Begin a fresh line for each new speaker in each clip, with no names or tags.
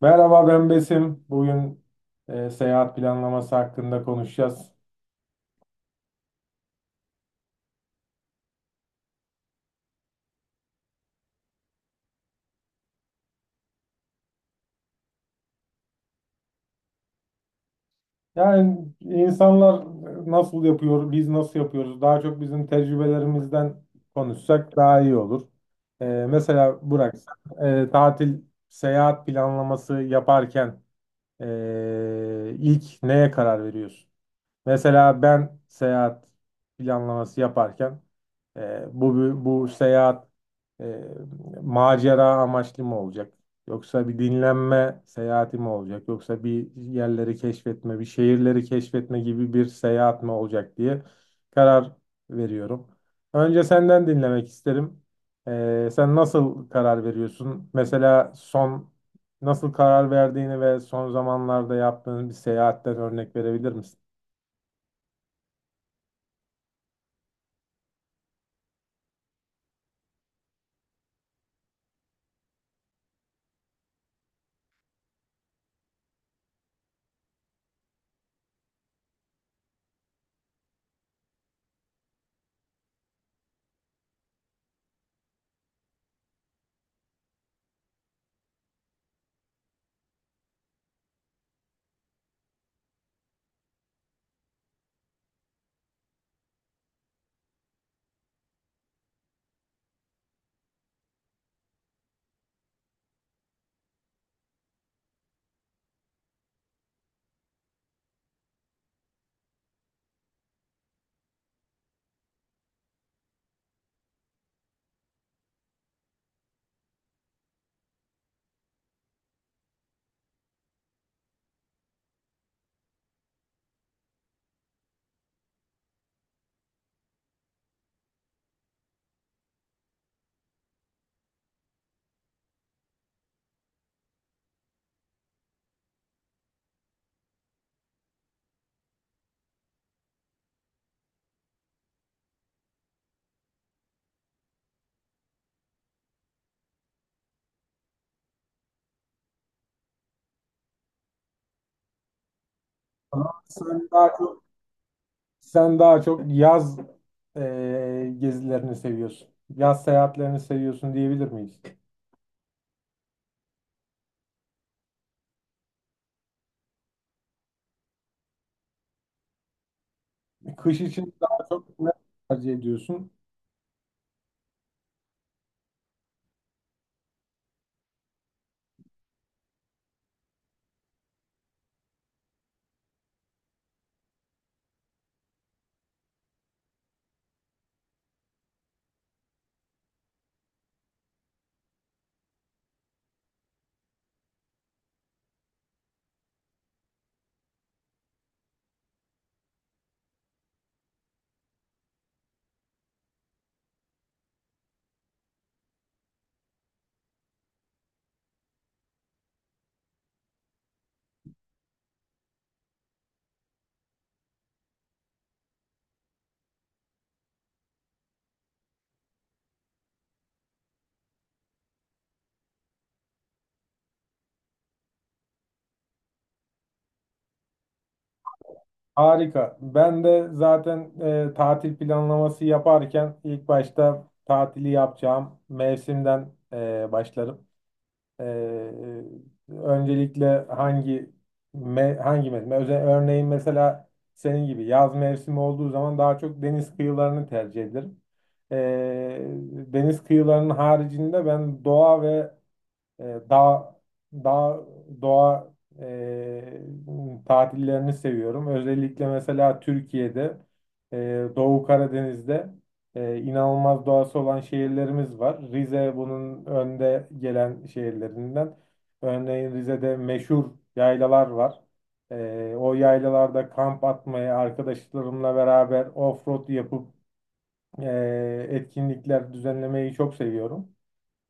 Merhaba ben Besim. Bugün seyahat planlaması hakkında konuşacağız. Yani insanlar nasıl yapıyor, biz nasıl yapıyoruz? Daha çok bizim tecrübelerimizden konuşsak daha iyi olur. Mesela Burak, sen, tatil, seyahat planlaması yaparken ilk neye karar veriyorsun? Mesela ben seyahat planlaması yaparken e, bu bu seyahat e, macera amaçlı mı olacak? Yoksa bir dinlenme seyahati mi olacak? Yoksa bir yerleri keşfetme, bir şehirleri keşfetme gibi bir seyahat mi olacak diye karar veriyorum. Önce senden dinlemek isterim. Sen nasıl karar veriyorsun? Mesela son nasıl karar verdiğini ve son zamanlarda yaptığın bir seyahatten örnek verebilir misin? Ama sen daha çok yaz gezilerini seviyorsun. Yaz seyahatlerini seviyorsun diyebilir miyiz? Kış için daha çok ne tercih ediyorsun? Harika. Ben de zaten tatil planlaması yaparken ilk başta tatili yapacağım mevsimden başlarım. Ee, Öncelikle hangi hangi mevsim? Örneğin mesela senin gibi yaz mevsimi olduğu zaman daha çok deniz kıyılarını tercih ederim. Ee, Deniz kıyılarının haricinde ben doğa ve e, dağ, dağ, doğa tatillerini seviyorum. Özellikle mesela Türkiye'de Doğu Karadeniz'de inanılmaz doğası olan şehirlerimiz var. Rize bunun önde gelen şehirlerinden. Örneğin Rize'de meşhur yaylalar var. O yaylalarda kamp atmayı arkadaşlarımla beraber off-road yapıp etkinlikler düzenlemeyi çok seviyorum.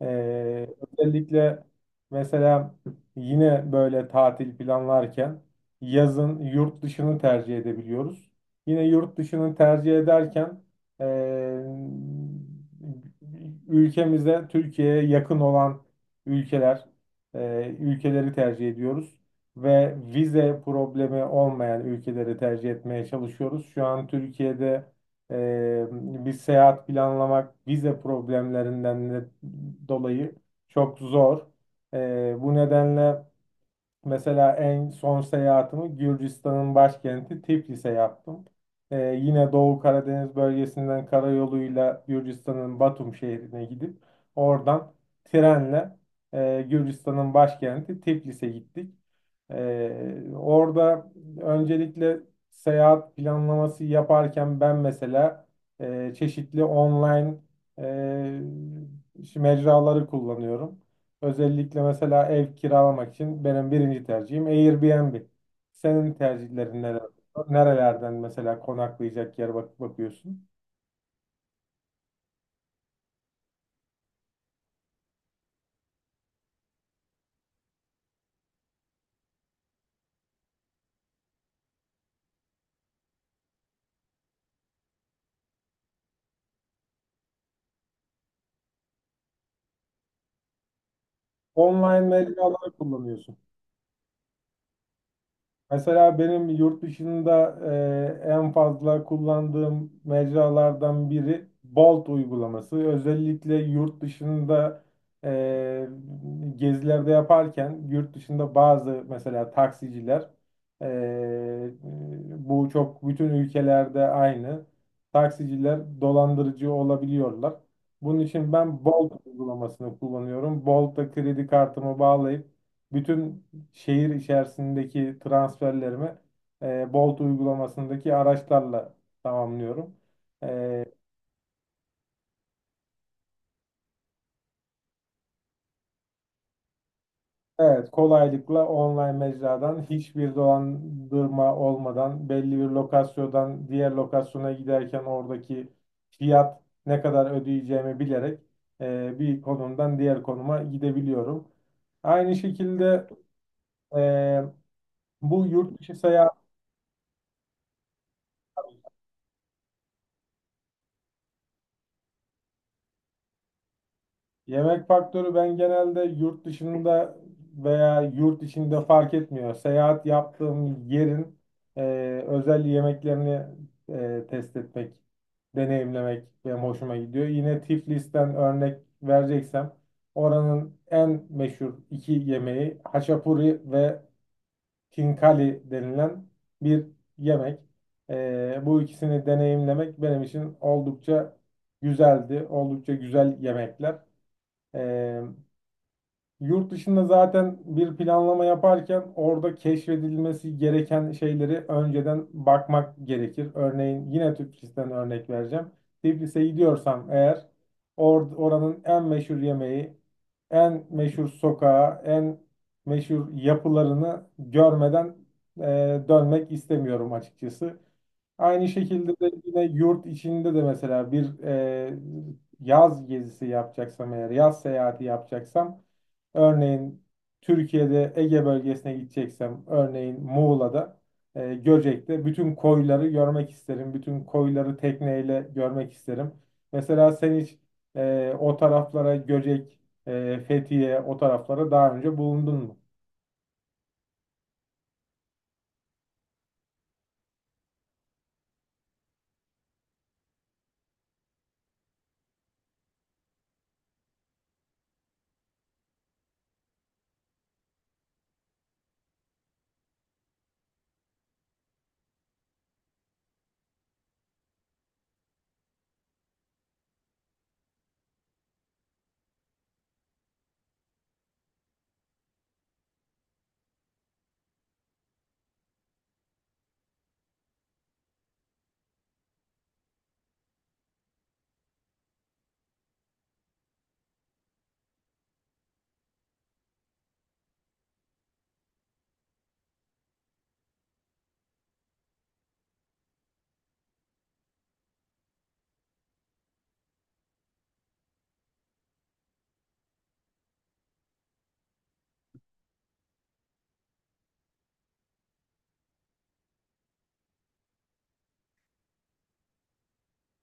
Ee, Özellikle mesela yine böyle tatil planlarken yazın yurt dışını tercih edebiliyoruz. Yine yurt dışını tercih ederken ee, ülkemize, Türkiye'ye yakın olan ülkeler, ülkeleri tercih ediyoruz. Ve vize problemi olmayan ülkeleri tercih etmeye çalışıyoruz. Şu an Türkiye'de ee, bir seyahat planlamak vize problemlerinden de dolayı çok zor. Bu nedenle mesela en son seyahatimi Gürcistan'ın başkenti Tiflis'e yaptım. Ee, Yine Doğu Karadeniz bölgesinden karayoluyla Gürcistan'ın Batum şehrine gidip oradan trenle Gürcistan'ın başkenti Tiflis'e gittik. Orada öncelikle seyahat planlaması yaparken ben mesela çeşitli online e, mecraları kullanıyorum. Özellikle mesela ev kiralamak için benim birinci tercihim Airbnb. Senin tercihlerin neler? Nerelerden mesela konaklayacak yer bakıyorsun? Online mecraları kullanıyorsun. Mesela benim yurt dışında en fazla kullandığım mecralardan biri Bolt uygulaması. Özellikle yurt dışında e, gezilerde yaparken yurt dışında bazı mesela taksiciler, e, bu çok bütün ülkelerde aynı, taksiciler dolandırıcı olabiliyorlar. Bunun için ben Bolt uygulamasını kullanıyorum. Bolt'ta kredi kartımı bağlayıp bütün şehir içerisindeki transferlerimi Bolt uygulamasındaki araçlarla tamamlıyorum. E, evet, kolaylıkla online mecradan hiçbir dolandırma olmadan belli bir lokasyondan diğer lokasyona giderken oradaki fiyat ne kadar ödeyeceğimi bilerek bir konumdan diğer konuma gidebiliyorum. Aynı şekilde e, bu yurt dışı seyahat yemek faktörü ben genelde yurt dışında veya yurt içinde fark etmiyor. Seyahat yaptığım yerin e, özel yemeklerini test etmek, deneyimlemek benim hoşuma gidiyor. Yine Tiflis'ten örnek vereceksem oranın en meşhur iki yemeği haşapuri ve kinkali denilen bir yemek. Bu ikisini deneyimlemek benim için oldukça güzeldi. Oldukça güzel yemekler. Ee, Yurt dışında zaten bir planlama yaparken orada keşfedilmesi gereken şeyleri önceden bakmak gerekir. Örneğin yine Tiflis'ten örnek vereceğim. Tiflis'e gidiyorsam eğer oranın en meşhur yemeği, en meşhur sokağı, en meşhur yapılarını görmeden e, dönmek istemiyorum açıkçası. Aynı şekilde de yine yurt içinde de mesela bir yaz gezisi yapacaksam eğer yaz seyahati yapacaksam, örneğin Türkiye'de Ege bölgesine gideceksem örneğin Muğla'da Göcek'te bütün koyları görmek isterim. Bütün koyları tekneyle görmek isterim. Mesela sen hiç o taraflara Göcek, Fethiye o taraflara daha önce bulundun mu?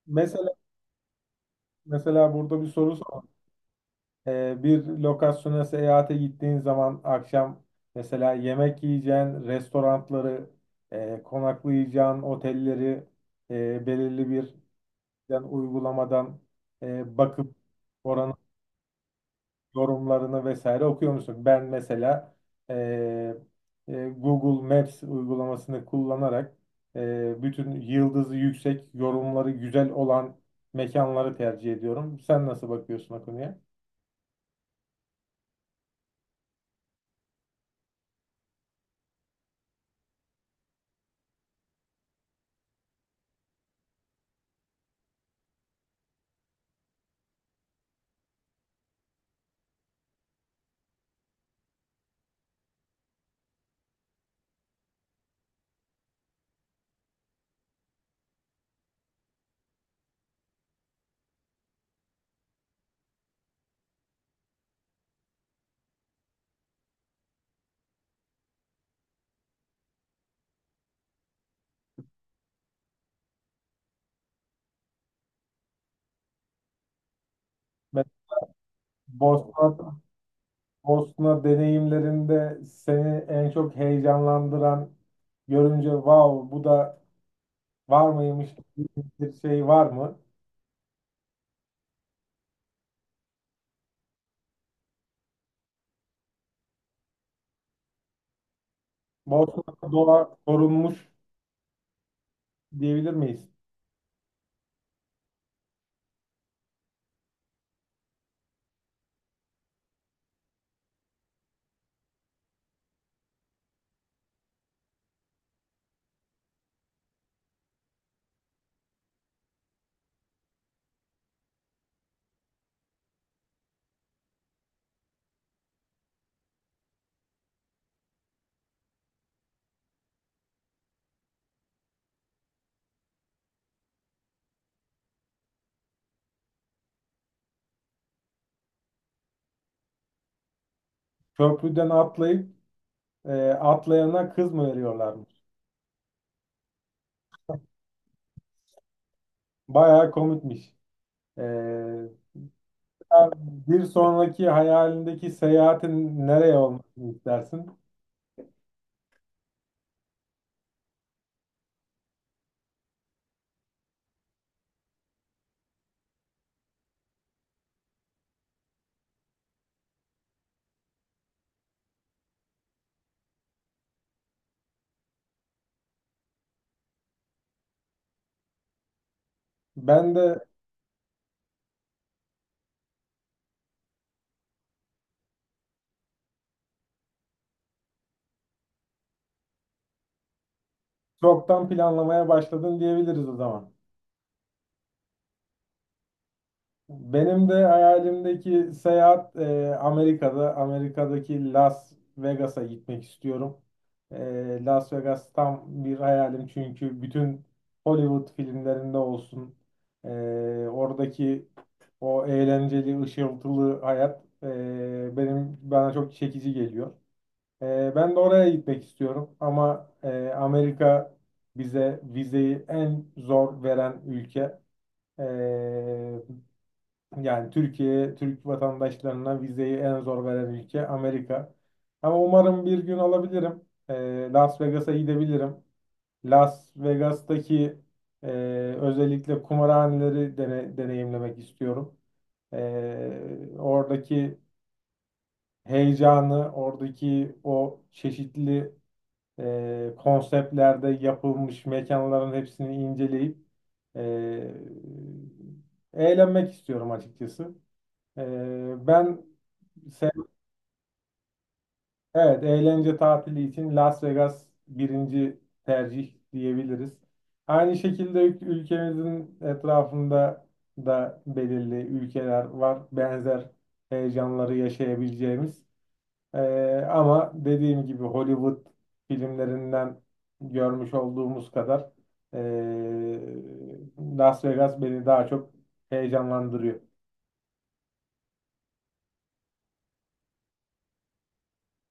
Mesela mesela burada bir soru sor. Bir lokasyona seyahate gittiğin zaman akşam mesela yemek yiyeceğin restoranları, konaklayacağın otelleri, belirli bir yani uygulamadan bakıp oranın yorumlarını vesaire okuyor musun? Ben mesela e, Google Maps uygulamasını kullanarak bütün yıldızı yüksek, yorumları güzel olan mekanları tercih ediyorum. Sen nasıl bakıyorsun o konuya? Ben Bosna Bosna deneyimlerinde seni en çok heyecanlandıran, görünce wow bu da var mıymış gibi bir şey var mı? Bosna'da doğa korunmuş diyebilir miyiz? Köprüden atlayıp atlayana kız mı veriyorlarmış? Bayağı komikmiş. E, Bir sonraki hayalindeki seyahatin nereye olmasını istersin? Ben de çoktan planlamaya başladım diyebiliriz o zaman. Benim de hayalimdeki seyahat Amerika'da. Amerika'daki Las Vegas'a gitmek istiyorum. Las Vegas tam bir hayalim çünkü bütün Hollywood filmlerinde olsun. e, Oradaki o eğlenceli, ışıltılı hayat e, benim bana çok çekici geliyor. Ben de oraya gitmek istiyorum ama Amerika bize vizeyi en zor veren ülke. E, Yani Türk vatandaşlarına vizeyi en zor veren ülke Amerika. Ama umarım bir gün alabilirim. Las Vegas'a gidebilirim. Las Vegas'taki e, özellikle kumarhaneleri deneyimlemek istiyorum. Oradaki heyecanı, oradaki o çeşitli konseptlerde yapılmış mekanların hepsini inceleyip e, eğlenmek istiyorum açıkçası. Ee, ben Se- Evet, eğlence tatili için Las Vegas birinci tercih diyebiliriz. Aynı şekilde ülkemizin etrafında da belirli ülkeler var. Benzer heyecanları yaşayabileceğimiz. Ee, Ama dediğim gibi Hollywood filmlerinden görmüş olduğumuz kadar ee, Las Vegas beni daha çok heyecanlandırıyor.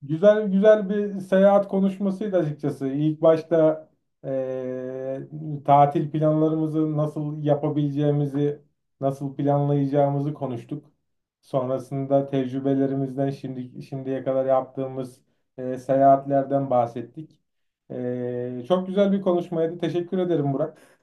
Güzel bir seyahat konuşmasıydı açıkçası. İlk başta eee, tatil planlarımızı nasıl yapabileceğimizi, nasıl planlayacağımızı konuştuk. Sonrasında tecrübelerimizden şimdiye kadar yaptığımız seyahatlerden bahsettik. Çok güzel bir konuşmaydı. Teşekkür ederim Burak.